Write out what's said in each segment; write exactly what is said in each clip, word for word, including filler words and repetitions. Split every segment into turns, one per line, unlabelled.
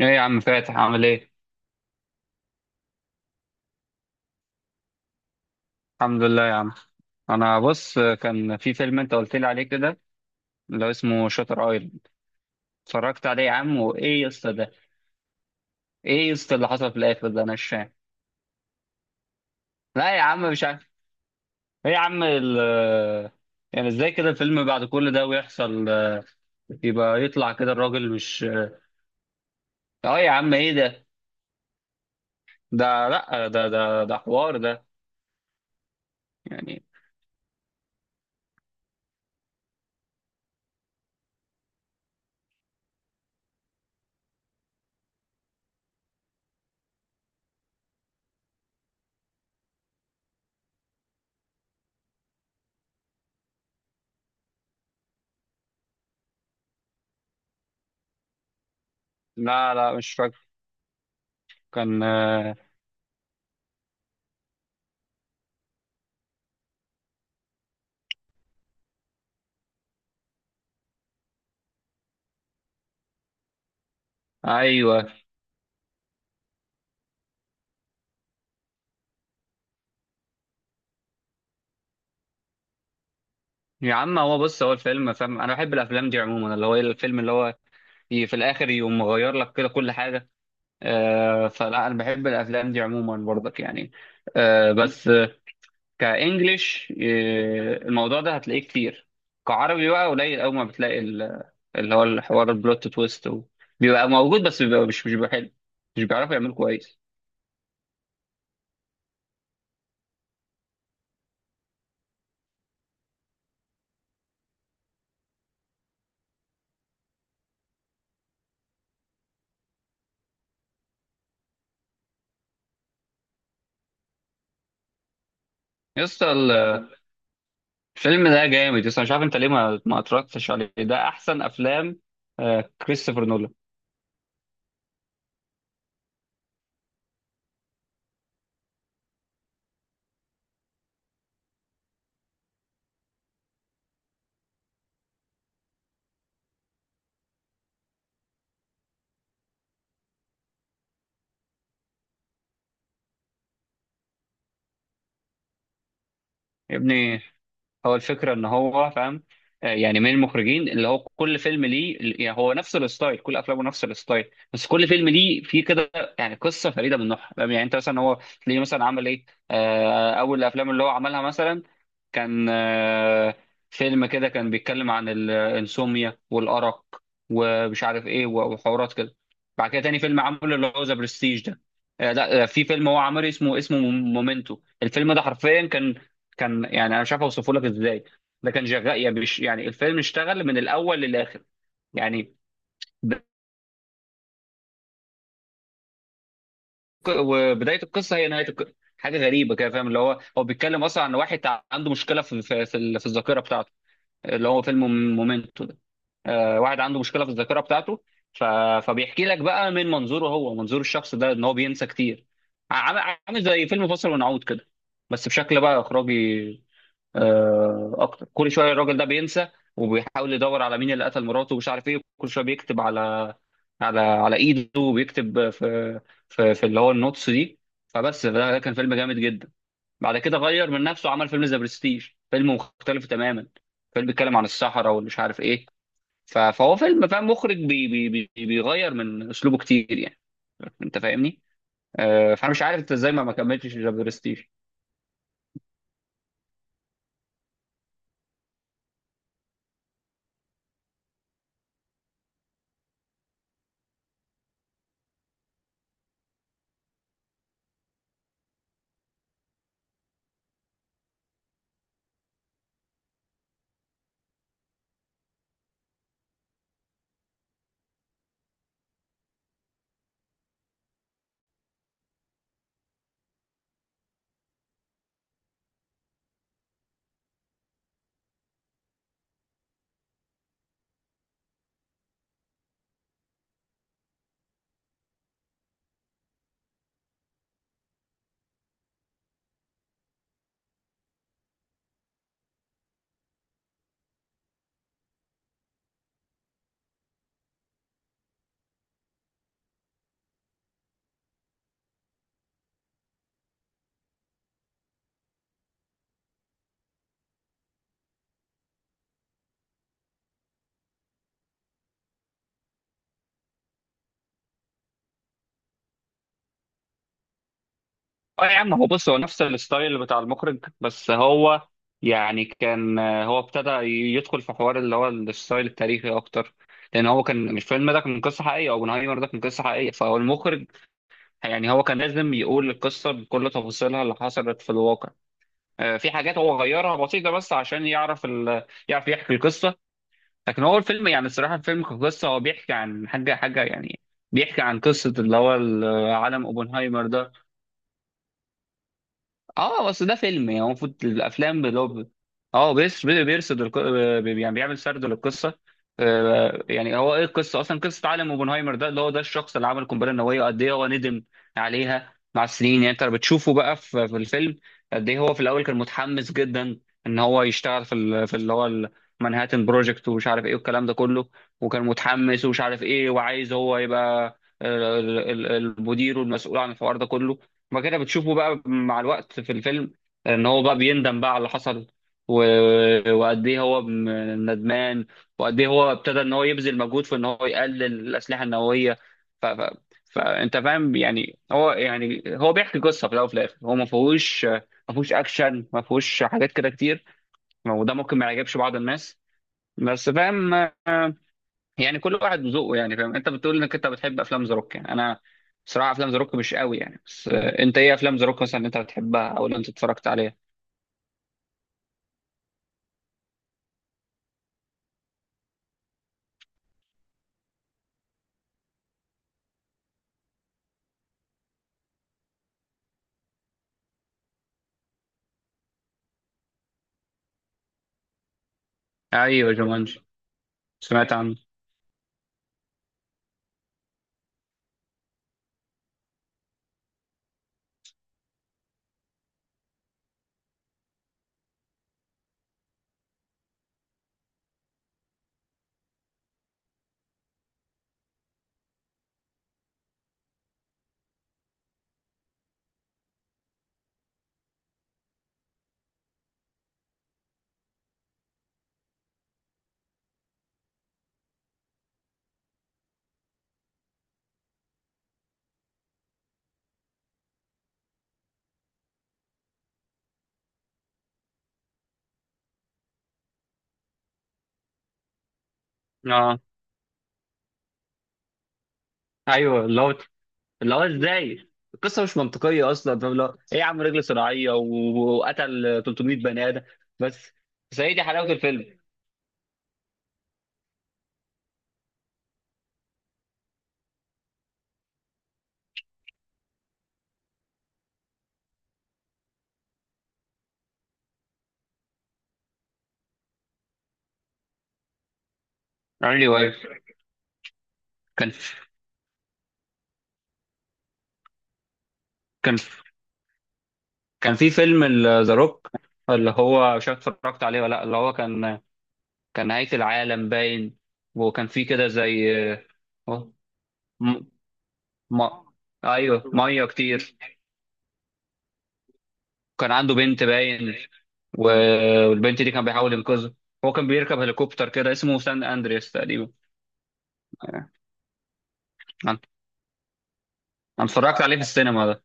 ايه يا عم فاتح عامل ايه؟ الحمد لله يا عم. انا بص، كان في فيلم انت قلت لي عليه كده، اللي هو اسمه شاتر ايلاند. اتفرجت عليه يا عم، وايه يا اسطى ده؟ ايه يا اسطى اللي حصل في الاخر ده؟ انا مش فاهم. لا يا عم مش عارف. ايه يا عم ال يعني ازاي كده الفيلم بعد كل ده ويحصل آه، يبقى يطلع كده الراجل مش اه آه. يا عم ايه ده؟ ده لا ده ده ده حوار ده يعني. لا لا مش فاكر. كان آه، ايوه يا عم. هو بص، هو الفيلم، فاهم، انا بحب الافلام دي عموما، اللي هو إيه، الفيلم اللي هو ي- في الاخر يقوم مغير لك كده كل حاجه. آه فلا، انا بحب الافلام دي عموما برضك يعني. آه بس آه، كانجليش آه الموضوع ده هتلاقيه كتير. كعربي بقى قليل قوي، ما بتلاقي ال- اللي هو الحوار البلوت تويست و- بيبقى موجود بس بيبقى مش مش بيبقى حلو. مش بيعرفوا يعملوا كويس. يا اسطى ال- الفيلم ده جامد يا اسطى. مش عارف انت ليه ما ما اتفرجتش عليه، ده احسن افلام. آه، كريستوفر نولان. يا ابني، هو الفكرة ان هو فاهم، آه، يعني من المخرجين اللي هو كل فيلم ليه. يعني هو نفس الستايل، كل افلامه نفس الستايل، بس كل فيلم ليه فيه كده يعني قصة فريدة من نوعها، فاهم؟ يعني انت مثلا هو تلاقيه مثلا عمل ايه. آه، اول الافلام اللي هو عملها مثلا كان آه، فيلم كده كان بيتكلم عن الانسوميا والأرق ومش عارف ايه وحوارات كده. بعد كده تاني فيلم عمله اللي هو ذا برستيج ده. آه، لا آه، في فيلم هو عامل اسمه اسمه مومنتو. الفيلم ده حرفيا كان، كان، يعني انا مش عارف اوصفه لك ازاي. ده كان شغال يعني، بيش- يعني الفيلم اشتغل من الاول للاخر، يعني ب- وبدايه القصه هي نهايه القصه، حاجه غريبه كده، فاهم؟ اللي هو هو بيتكلم اصلا عن واحد عنده مشكله في في في ال- في الذاكره بتاعته، اللي هو فيلم مومنتو ده. آه، واحد عنده مشكله في الذاكره بتاعته. ف... فبيحكي لك بقى من منظوره هو، منظور الشخص ده، ان هو بينسى كتير. عامل عامل زي فيلم فاصل ونعود كده، بس بشكل بقى اخراجي آه، اكتر. كل شويه الراجل ده بينسى وبيحاول يدور على مين اللي قتل مراته ومش عارف ايه. كل شويه بيكتب على على على ايده، وبيكتب في في, في اللي هو النوتس دي. فبس ده، ده كان فيلم جامد جدا. بعد كده غير من نفسه وعمل فيلم ذا برستيج، فيلم مختلف تماما. فيلم بيتكلم عن الصحراء والمش عارف ايه. ف- فهو فيلم، فاهم، مخرج بي بي بي بيغير من اسلوبه كتير يعني، انت فاهمني. آه، فانا مش عارف انت ازاي ما ما كملتش ذا برستيج. اه يا عم، هو بص، هو نفس الستايل بتاع المخرج، بس هو يعني كان هو ابتدى يدخل في حوار اللي هو الستايل التاريخي اكتر، لان هو كان الفيلم ده كان قصه حقيقيه. اوبنهايمر ده كان قصه حقيقيه، فهو المخرج يعني هو كان لازم يقول القصه بكل تفاصيلها اللي حصلت في الواقع. آه، في حاجات هو غيرها بسيطه، بس عشان يعرف ال... يعرف يحكي القصه. لكن هو الفيلم، يعني الصراحه، الفيلم كقصه هو بيحكي عن حاجه حاجه يعني، بيحكي عن قصه اللي هو ال- عالم اوبنهايمر ده. اه بس ده فيلم يعني هو المفروض الافلام اللي هو ب- اه بيس- بي- بيرصد الق... بي- يعني بيعمل سرد للقصه. آه، يعني هو ايه القصه اصلا؟ قصه عالم اوبنهايمر ده، اللي هو ده الشخص اللي عمل القنبله النوويه، وقد ايه هو ندم عليها مع السنين. يعني انت بتشوفه بقى في في الفيلم قد ايه هو في الاول كان متحمس جدا ان هو يشتغل في ال... في اللي هو المنهاتن بروجكت ومش عارف ايه والكلام ده كله. وكان متحمس ومش عارف ايه وعايز هو يبقى آه، ال- ال- المدير والمسؤول عن الحوار ده كله. بعد كده بتشوفه بقى مع الوقت في الفيلم ان هو بقى بيندم بقى على اللي حصل، و- وقد ايه هو م- ندمان، وقد ايه هو ابتدى ان هو يبذل مجهود في ان هو يقلل الاسلحه النوويه. ف... ف... فانت فاهم يعني، هو يعني هو بيحكي قصه في الاول وفي الاخر هو ما فيهوش، ما فيهوش اكشن، ما فيهوش حاجات كده كتير، وده ممكن ما يعجبش بعض الناس. بس فاهم يعني كل واحد وذوقه. يعني فاهم، انت بتقول انك انت بتحب افلام ذا روك، يعني انا بصراحه افلام ذا روك مش قوي يعني. بس آه، انت ايه افلام ذا روك مثلا اللي انت بتحبها او اللي انت اتفرجت عليها؟ ايوه، جومانجي، سمعت عنه. اه ايوه، اللي هو، اللي هو ازاي القصه مش منطقيه اصلا، فاهم؟ اللي هو ايه يا عم، رجل صناعيه و- وقتل ثلاث مية بني ادم. بس بس هي دي حلاوه الفيلم. ايوه ايوه. كان كان كان في فيلم ذا روك اللي هو مش عارف اتفرجت عليه ولا لا، اللي هو كان، كان نهاية العالم باين، وكان في كده زي آه، م... ما... ايوه، ميه كتير. كان عنده بنت باين، و- والبنت دي كان بيحاول ينقذها. هو كان بيركب هليكوبتر كده اسمه سان اندرياس تقريبا. انا أنا اتفرجت عليه في السينما ده،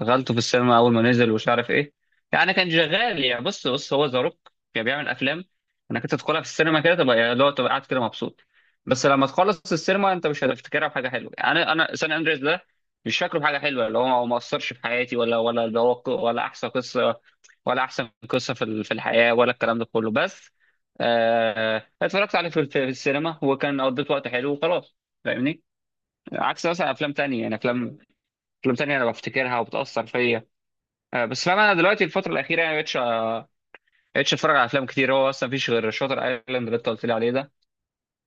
دخلته في السينما اول ما نزل ومش عارف ايه. يعني كان شغال يعني. بص بص هو ذا روك كان بيعمل افلام انك انت تدخلها في السينما كده تبقى يعني لو تبقى قاعد كده مبسوط، بس لما تخلص السينما انت مش هتفتكرها بحاجه حلوه يعني. انا انا سان اندريس ده مش فاكره بحاجه حلوه، اللي هو هو ما اثرش في حياتي ولا ولا اللي هو ق- ولا احسن قصه ولا احسن قصه في ال- في الحياه ولا الكلام ده كله. بس آه، اتفرجت عليه في في السينما وكان قضيت وقت حلو وخلاص، فاهمني؟ عكس مثلا افلام تانية، يعني افلام، افلام تانية انا بفتكرها وبتاثر فيا. آه، بس فاهم، انا دلوقتي الفتره الاخيره يعني مبقتش مبقتش اتفرج على افلام كتير. هو اصلا مفيش غير شاطر ايلاند اللي انت قلت لي عليه ده،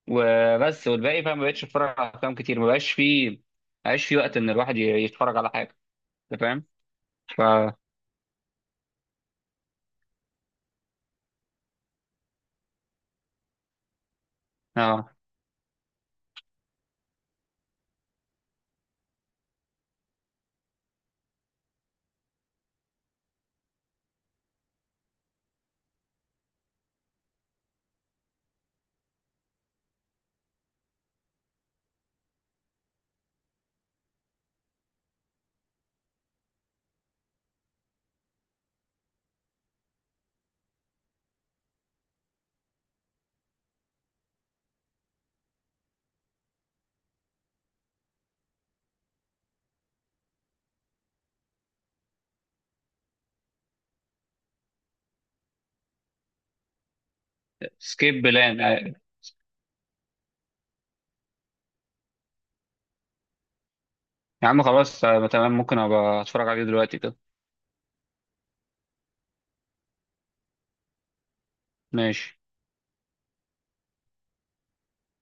وبس. والباقي فاهم مبقتش اتفرج على افلام كتير، مبقاش فيه مبقاش فيه وقت ان الواحد ي- يتفرج على حاجه، انت فاهم. ف اه سكيب بلان، آه، يا عم خلاص آه، تمام، ممكن ابقى اتفرج عليه دلوقتي كده. ماشي.